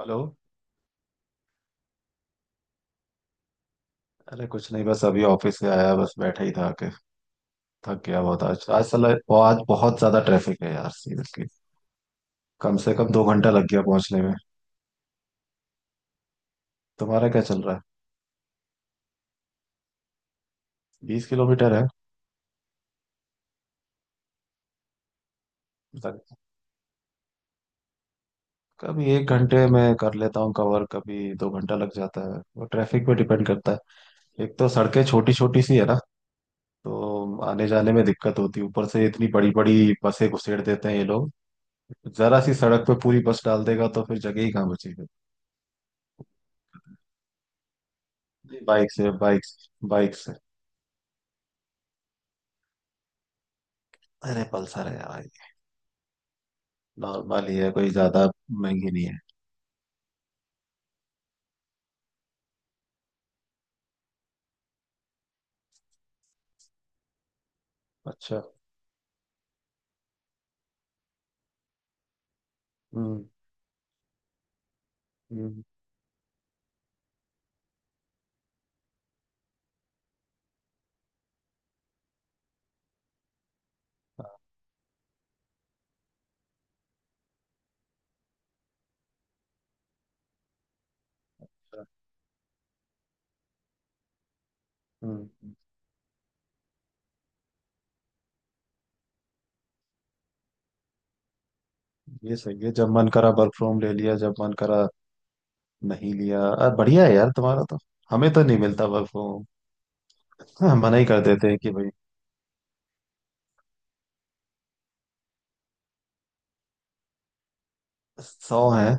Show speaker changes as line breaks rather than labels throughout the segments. Hello. अरे कुछ नहीं, बस अभी ऑफिस से आया, बस बैठा ही था के थक गया बहुत आज आज साला आज बहुत ज्यादा ट्रैफिक है यार, सीरियसली। कम से कम 2 घंटा लग गया पहुंचने में। तुम्हारा क्या चल रहा है? 20 किलोमीटर है। लग- कभी 1 घंटे में कर लेता हूँ कवर, कभी 2 घंटा लग जाता है। वो ट्रैफिक पे डिपेंड करता है। एक तो सड़कें छोटी छोटी सी है ना, तो आने जाने में दिक्कत होती है। ऊपर से इतनी बड़ी बड़ी बसें घुसेड़ देते हैं ये लोग। जरा सी सड़क पे पूरी बस डाल देगा तो फिर जगह ही कहाँ बचेगी। बाइक से, बाइक बाइक। अरे पल्सर है भाई। नॉर्मल ही है, कोई ज्यादा महंगी नहीं है। अच्छा। हम्म। हम्म। अच्छा, हम्म। हम्म। ये सही है, जब मन करा वर्क फ्रॉम ले लिया, जब मन करा नहीं लिया। अरे बढ़िया है यार तुम्हारा तो, हमें तो नहीं मिलता वर्क फ्रॉम होम। हाँ, मना ही कर देते हैं कि भाई। 100 है।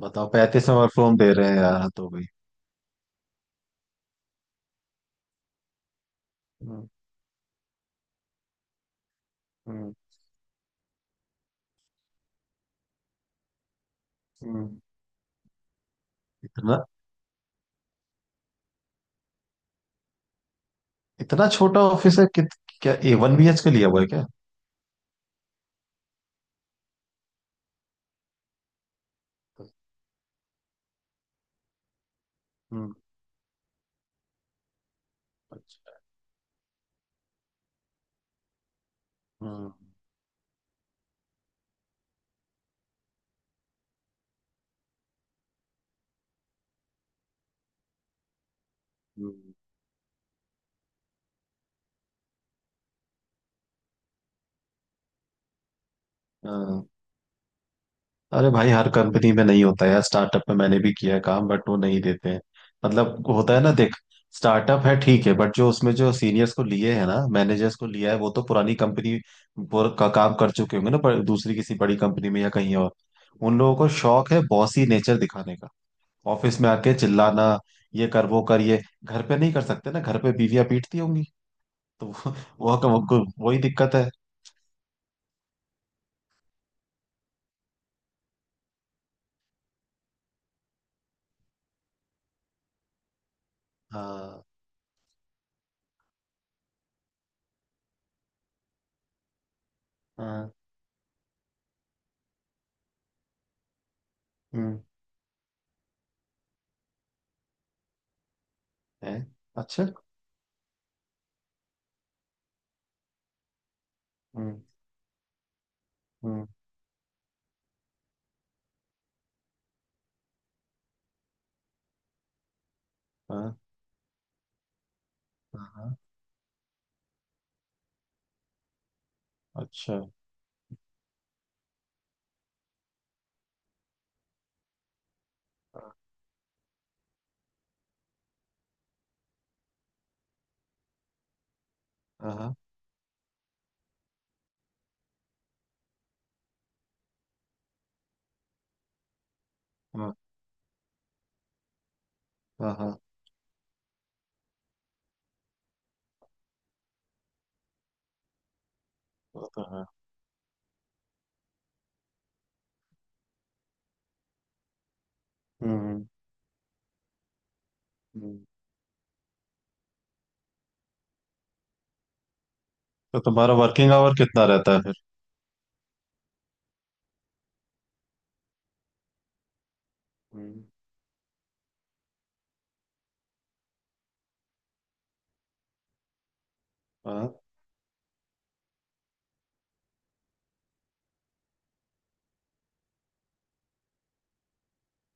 बताओ, 35 में वर्क फ्रॉम दे रहे हैं यार, तो भाई। हम्म। हम्म। हम्म। इतना? इतना छोटा ऑफिस है? कित क्या 1 BHK लिया हुआ है क्या? हम्म। अच्छा। हम्म। हम्म, हाँ। अरे भाई हर कंपनी में नहीं होता यार। स्टार्टअप में मैंने भी किया है काम, बट वो नहीं देते हैं। मतलब होता है ना, देख, स्टार्टअप है ठीक है, बट जो उसमें जो सीनियर्स को लिए है ना, मैनेजर्स को लिया है, वो तो पुरानी कंपनी का काम कर चुके होंगे ना, पर दूसरी किसी बड़ी कंपनी में या कहीं और। उन लोगों को शौक है बॉसी नेचर दिखाने का, ऑफिस में आके चिल्लाना ये कर वो कर। ये घर पे नहीं कर सकते ना, घर पे बीवियां पीटती होंगी। तो वो वही दिक्कत है। हाँ। हाँ। हम्म। है। अच्छा। हम्म। हम्म। हाँ। हाँ, हाँ। अच्छा। हाँ। हाँ। हाँ। हाँ, हाँ, वो तो है। हम्म। हम्म। हम्म। तो तुम्हारा वर्किंग आवर कितना रहता है फिर? हम्म। हाँ।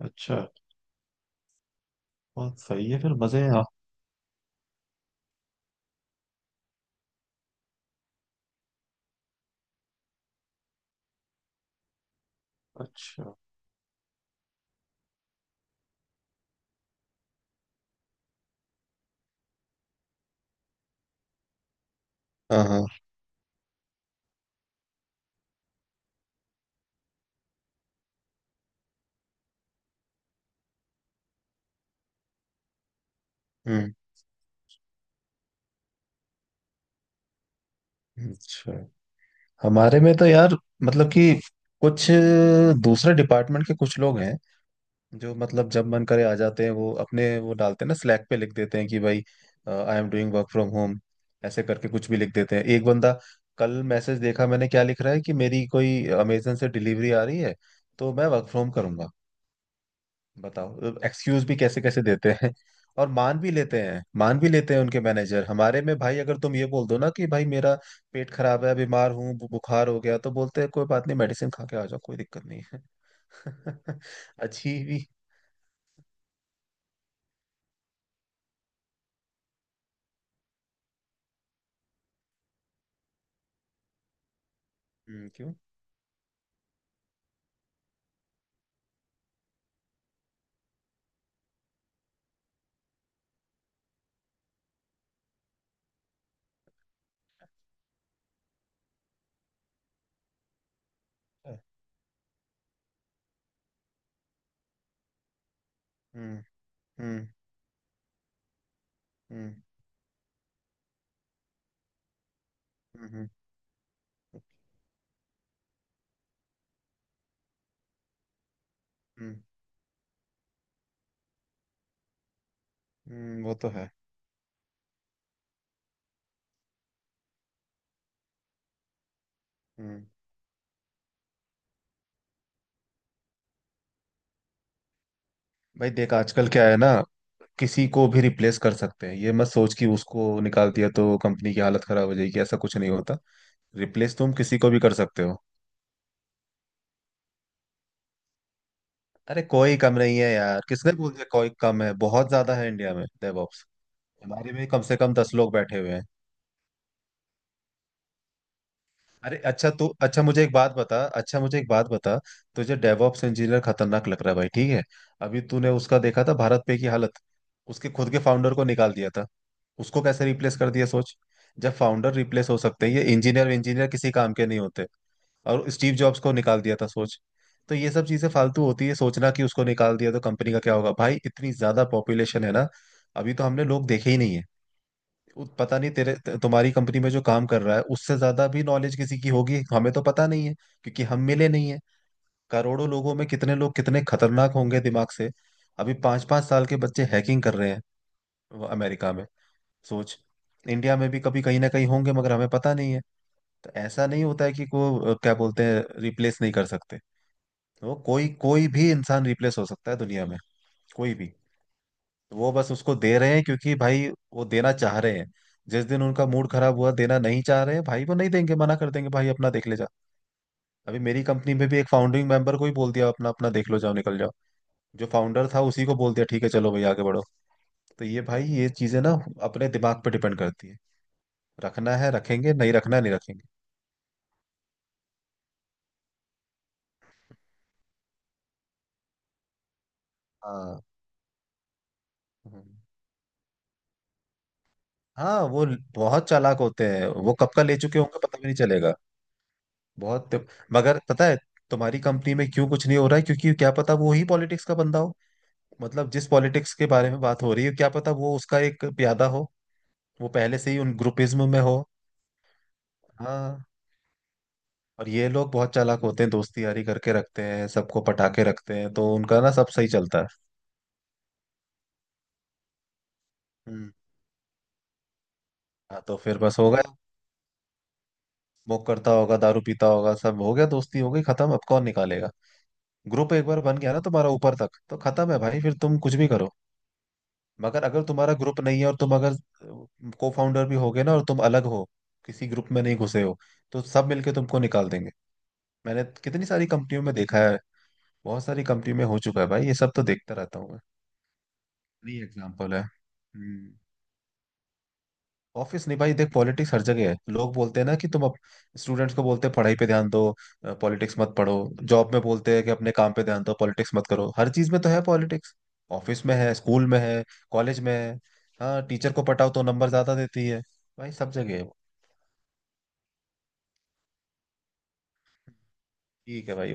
अच्छा। बहुत सही है, फिर मजे हैं आप। अच्छा। हाँ। हाँ। हम्म। अच्छा, हमारे में तो यार, मतलब कि कुछ दूसरे डिपार्टमेंट के कुछ लोग हैं जो, मतलब जब मन करे आ जाते हैं। वो अपने वो डालते हैं ना, स्लैक पे लिख देते हैं कि भाई I am doing work from home, ऐसे करके कुछ भी लिख देते हैं। एक बंदा, कल मैसेज देखा मैंने, क्या लिख रहा है कि मेरी कोई अमेजन से डिलीवरी आ रही है तो मैं वर्क फ्रॉम करूंगा। बताओ, एक्सक्यूज भी कैसे कैसे देते हैं। और मान भी लेते हैं, मान भी लेते हैं उनके मैनेजर। हमारे में भाई अगर तुम ये बोल दो ना कि भाई मेरा पेट खराब है, बीमार हूँ, बुखार हो गया, तो बोलते हैं कोई बात नहीं, मेडिसिन खा के आ जाओ, कोई दिक्कत नहीं है। अच्छी भी। क्यों? हम्म। हम्म। हम्म। हम्म। हम्म। हम्म। वो तो है। हम्म। भाई देख, आजकल क्या है ना, किसी को भी रिप्लेस कर सकते हैं। ये मत सोच कि उसको निकाल दिया तो कंपनी की हालत खराब हो जाएगी, ऐसा कुछ नहीं होता। रिप्लेस तुम किसी को भी कर सकते हो। अरे कोई कम नहीं है यार, किसने बोल दिया कोई कम है? बहुत ज्यादा है इंडिया में डेवऑप्स। हमारे में कम से कम 10 लोग बैठे हुए हैं। अरे अच्छा, तो अच्छा मुझे एक बात बता, अच्छा मुझे एक बात बता, तुझे डेवऑप्स इंजीनियर खतरनाक लग रहा है भाई, ठीक है। अभी तूने उसका देखा था भारत पे की हालत, उसके खुद के फाउंडर को निकाल दिया था। उसको कैसे रिप्लेस कर दिया सोच। जब फाउंडर रिप्लेस हो सकते हैं, ये इंजीनियर इंजीनियर किसी काम के नहीं होते। और स्टीव जॉब्स को निकाल दिया था, सोच। तो ये सब चीजें फालतू होती है, सोचना कि उसको निकाल दिया तो कंपनी का क्या होगा। भाई इतनी ज्यादा पॉपुलेशन है ना, अभी तो हमने लोग देखे ही नहीं है। वो पता नहीं, तुम्हारी कंपनी में जो काम कर रहा है उससे ज्यादा भी नॉलेज किसी की होगी, हमें तो पता नहीं है, क्योंकि हम मिले नहीं है। करोड़ों लोगों में कितने लोग कितने खतरनाक होंगे दिमाग से। अभी 5 5 साल के बच्चे हैकिंग कर रहे हैं वो अमेरिका में, सोच। इंडिया में भी कभी कहीं ना कहीं होंगे, मगर हमें पता नहीं है। तो ऐसा नहीं होता है कि क्या बोलते हैं, रिप्लेस नहीं कर सकते। वो कोई कोई भी इंसान रिप्लेस हो सकता है दुनिया में, कोई भी। तो वो बस उसको दे रहे हैं क्योंकि भाई वो देना चाह रहे हैं। जिस दिन उनका मूड खराब हुआ, देना नहीं चाह रहे हैं भाई, वो नहीं देंगे, मना कर देंगे भाई। अपना देख ले जा। अभी मेरी कंपनी में भी एक फाउंडिंग मेंबर को ही बोल दिया, अपना अपना देख लो, जाओ निकल जाओ। जो फाउंडर था उसी को बोल दिया ठीक है, चलो भाई आगे बढ़ो। तो ये भाई, ये चीजें ना अपने दिमाग पर डिपेंड करती है। रखना है रखेंगे, नहीं रखना है, नहीं रखेंगे। हाँ। हम्म। हाँ, बहुत चालाक होते हैं, वो कब का ले चुके होंगे, पता भी नहीं चलेगा। बहुत। मगर पता है तुम्हारी कंपनी में क्यों कुछ नहीं हो रहा है? क्योंकि क्या पता वो ही पॉलिटिक्स का बंदा हो। मतलब जिस पॉलिटिक्स के बारे में बात हो रही है, क्या पता वो उसका एक प्यादा हो, वो पहले से ही उन ग्रुपिज्म में हो। हाँ, और ये लोग बहुत चालाक होते हैं, दोस्ती यारी करके रखते हैं, सबको पटाके रखते हैं, तो उनका ना सब सही चलता है। हम्म। हाँ तो फिर बस हो गया। स्मोक करता होगा, दारू पीता होगा, सब हो गया, दोस्ती हो गई, खत्म। अब कौन निकालेगा? ग्रुप एक बार बन गया ना तुम्हारा ऊपर तक, तो खत्म है भाई, फिर तुम कुछ भी करो। मगर अगर तुम्हारा ग्रुप नहीं है और तुम अगर को फाउंडर भी हो गए ना, और तुम अलग हो, किसी ग्रुप में नहीं घुसे हो, तो सब मिलके तुमको निकाल देंगे। मैंने कितनी सारी कंपनियों में देखा है, बहुत सारी कंपनियों में हो चुका है भाई ये सब, तो देखता रहता हूँ मैं। नहीं, एग्जाम्पल है। हम्म। ऑफिस नहीं भाई, देख पॉलिटिक्स हर जगह है। लोग बोलते हैं ना कि तुम अब, स्टूडेंट्स को बोलते हैं पढ़ाई पे ध्यान दो, पॉलिटिक्स मत पढ़ो। जॉब में बोलते हैं कि अपने काम पे ध्यान दो, पॉलिटिक्स मत करो। हर चीज में तो है पॉलिटिक्स। ऑफिस में है, स्कूल में है, कॉलेज में है। हाँ, टीचर को पटाओ तो नंबर ज्यादा देती है। भाई सब जगह है वो। ठीक है भाई।